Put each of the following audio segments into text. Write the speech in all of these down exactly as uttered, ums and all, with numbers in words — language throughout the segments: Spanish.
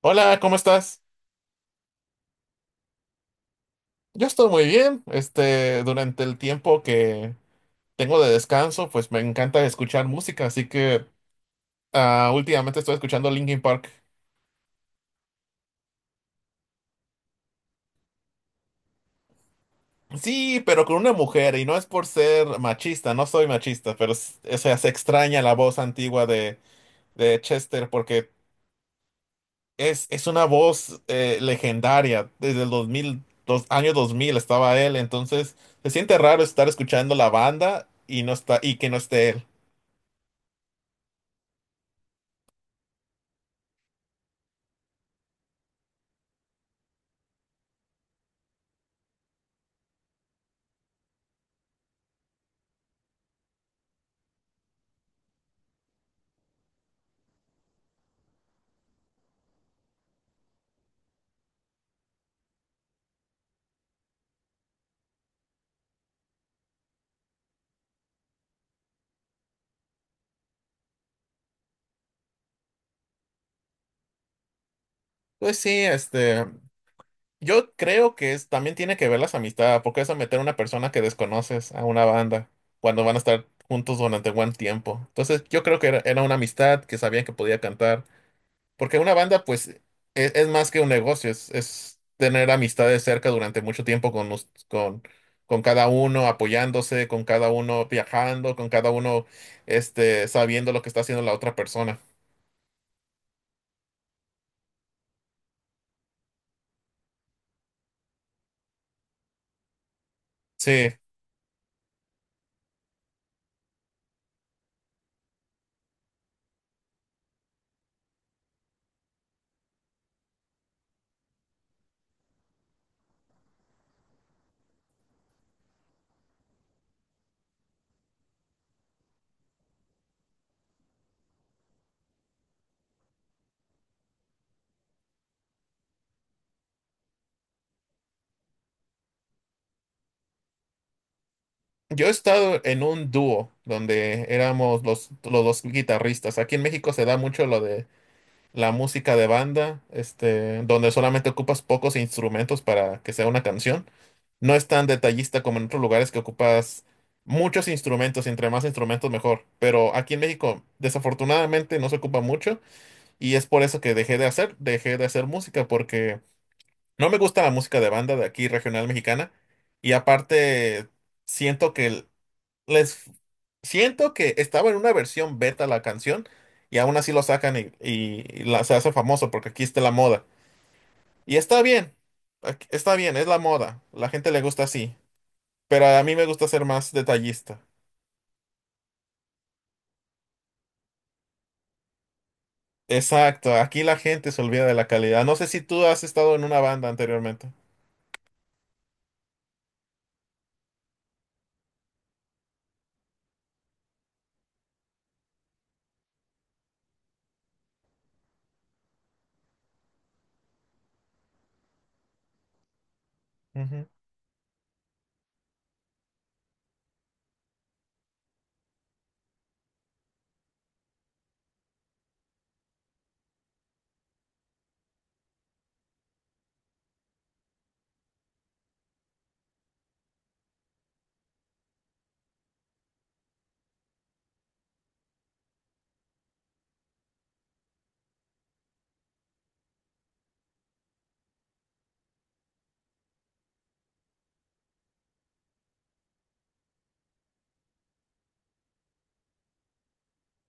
Hola, ¿cómo estás? Yo estoy muy bien. Este, durante el tiempo que tengo de descanso, pues me encanta escuchar música, así que ah, últimamente estoy escuchando Linkin Park. Sí, pero con una mujer, y no es por ser machista, no soy machista, pero s- o sea, se extraña la voz antigua de, de Chester porque es, es una voz eh, legendaria. Desde el dos mil dos, año dos mil estaba él, entonces se siente raro estar escuchando la banda y no está, y que no esté él. Pues sí, este. Yo creo que es, también tiene que ver las amistades, porque es a meter a una persona que desconoces a una banda cuando van a estar juntos durante buen tiempo. Entonces, yo creo que era, era una amistad que sabían que podía cantar, porque una banda, pues, e- es, más que un negocio, es, es tener amistades cerca durante mucho tiempo con, us- con, con cada uno, apoyándose, con cada uno viajando, con cada uno este, sabiendo lo que está haciendo la otra persona. Sí. Yo he estado en un dúo donde éramos los, los dos guitarristas. Aquí en México se da mucho lo de la música de banda, este, donde solamente ocupas pocos instrumentos para que sea una canción. No es tan detallista como en otros lugares que ocupas muchos instrumentos, y entre más instrumentos mejor. Pero aquí en México desafortunadamente no se ocupa mucho y es por eso que dejé de hacer, dejé de hacer música porque no me gusta la música de banda de aquí regional mexicana y aparte siento que el- les siento que estaba en una versión beta la canción y aún así lo sacan y, y- y la, se hace famoso porque aquí está la moda. Y está bien, aquí- está bien, es la moda, la gente le gusta así, pero a mí me gusta ser más detallista. Exacto, aquí la gente se olvida de la calidad. No sé si tú has estado en una banda anteriormente. Ujú.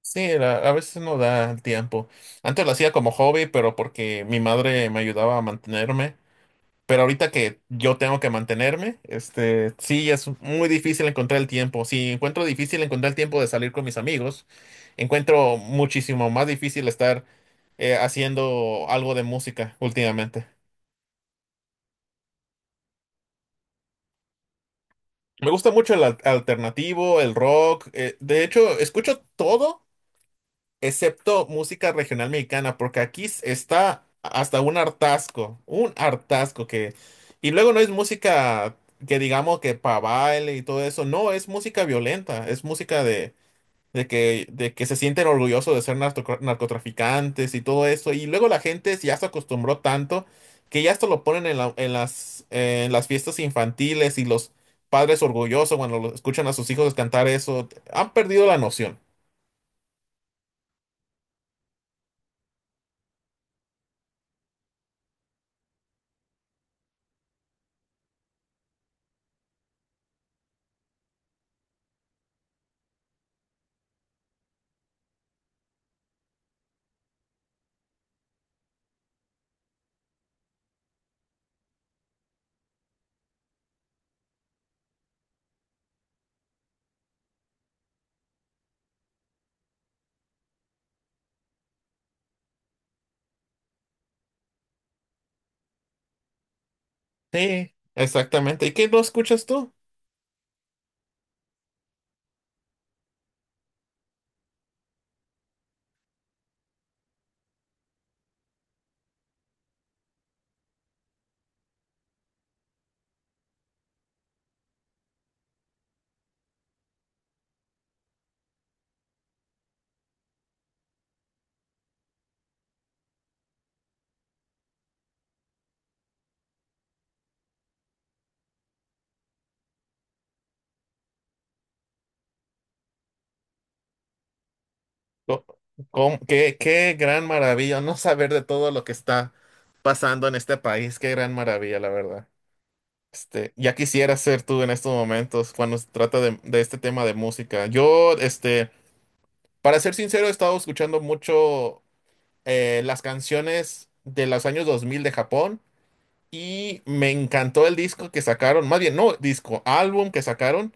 Sí, la- a veces no da el tiempo. Antes lo hacía como hobby, pero porque mi madre me ayudaba a mantenerme. Pero ahorita que yo tengo que mantenerme, este, sí, es muy difícil encontrar el tiempo. Si encuentro difícil encontrar el tiempo de salir con mis amigos, encuentro muchísimo más difícil estar eh, haciendo algo de música últimamente. Me gusta mucho el al- alternativo, el rock. eh, de hecho, escucho todo excepto música regional mexicana, porque aquí s- está hasta un hartazgo, un hartazgo que... Y luego no es música que digamos que para baile y todo eso, no, es música violenta, es música de, de que, de que se sienten orgullosos de ser narco- narcotraficantes y todo eso, y luego la gente ya se acostumbró tanto que ya esto lo ponen en, la- en las, en las fiestas infantiles y los padres orgullosos cuando lo- escuchan a sus hijos cantar eso, han perdido la noción. Sí, exactamente. ¿Y qué lo escuchas tú? Co- com- qué, qué gran maravilla no saber de todo lo que está pasando en este país. Qué gran maravilla, la verdad. Este, ya quisiera ser tú en estos momentos cuando se trata de, de este tema de música. Yo, este, para ser sincero, he estado escuchando mucho eh, las canciones de los años dos mil de Japón. Y me encantó el disco que sacaron, más bien, no disco, álbum que sacaron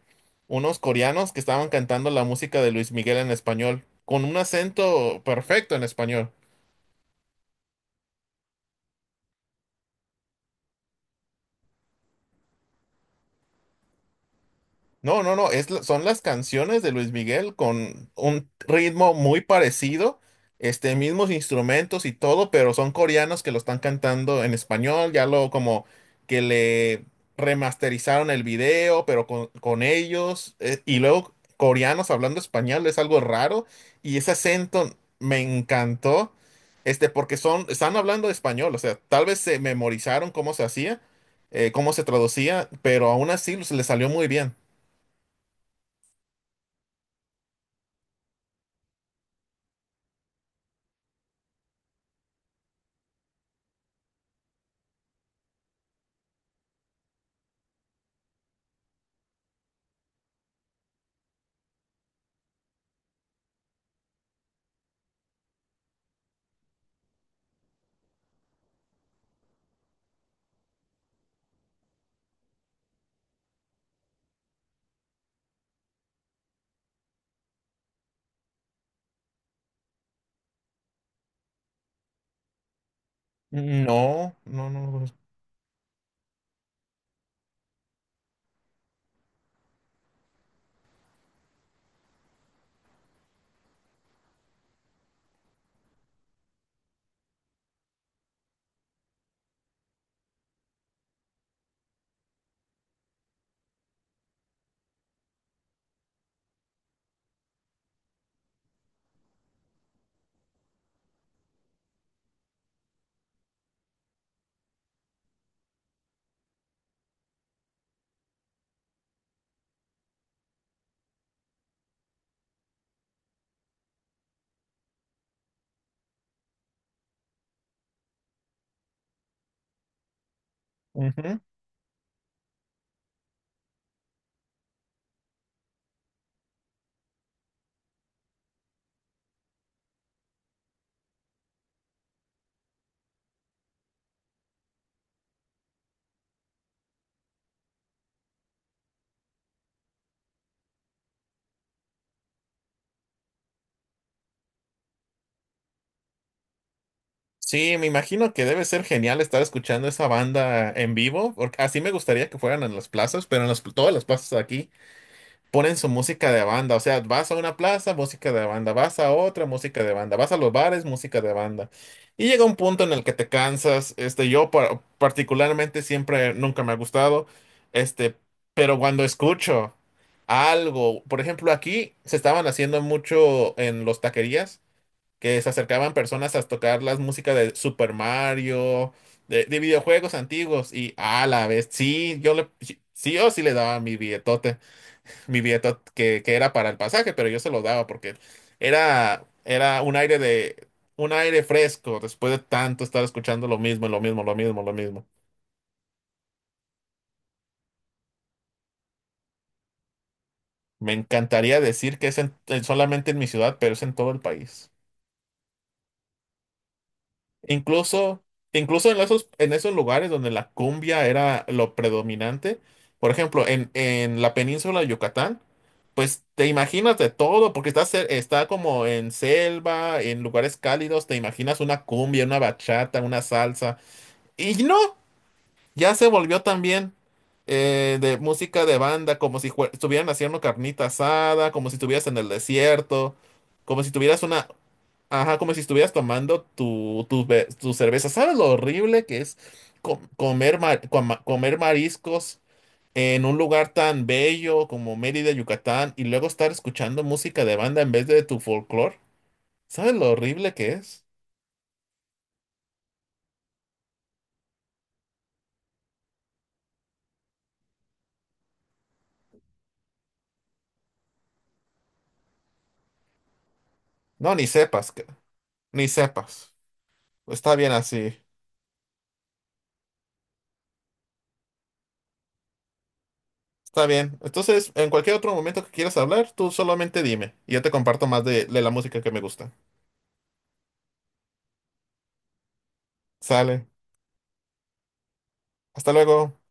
unos coreanos que estaban cantando la música de Luis Miguel en español, con un acento perfecto en español. No, no, no, es, la- son las canciones de Luis Miguel con un ritmo muy parecido, este, mismos instrumentos y todo, pero son coreanos que lo están cantando en español, ya lo como que le remasterizaron el video, pero con, con ellos, eh, y luego coreanos hablando español, es algo raro, y ese acento me encantó, este, porque son, están hablando español, o sea, tal vez se memorizaron cómo se hacía, eh, cómo se traducía, pero aún así se les salió muy bien. No, no, no. Ujú. Sí, me imagino que debe ser genial estar escuchando esa banda en vivo, porque así me gustaría que fueran en las plazas, pero en las, todas las plazas de aquí ponen su música de banda. O sea, vas a una plaza, música de banda, vas a otra, música de banda, vas a los bares, música de banda. Y llega un punto en el que te cansas. Este, yo par- particularmente siempre, nunca me ha gustado, este, pero cuando escucho algo, por ejemplo, aquí se estaban haciendo mucho en los taquerías que se acercaban personas a tocar las músicas de Super Mario, de, de videojuegos antiguos, y a la vez, sí, yo le, sí, sí, yo sí le daba mi billetote, mi billetote que, que era para el pasaje, pero yo se lo daba porque era, era un aire de, un aire fresco después de tanto estar escuchando lo mismo, lo mismo, lo mismo, lo mismo. Me encantaría decir que es en- solamente en mi ciudad, pero es en todo el país. Incluso, incluso en esos, en esos lugares donde la cumbia era lo predominante, por ejemplo, en, en la península de Yucatán, pues te imaginas de todo, porque está, cer- está como en selva, en lugares cálidos, te imaginas una cumbia, una bachata, una salsa, y no, ya se volvió también eh, de música de banda, como si jue- estuvieran haciendo carnita asada, como si estuvieras en el desierto, como si tuvieras una, ajá, como si estuvieras tomando tu, tu, be- tu cerveza. ¿Sabes lo horrible que es co- comer, ma- coma- comer mariscos en un lugar tan bello como Mérida, Yucatán, y luego estar escuchando música de banda en vez de tu folclore? ¿Sabes lo horrible que es? No, ni sepas, ca- ni sepas. Está bien así, está bien. Entonces, en cualquier otro momento que quieras hablar, tú solamente dime y yo te comparto más de, de la música que me gusta. Sale. Hasta luego.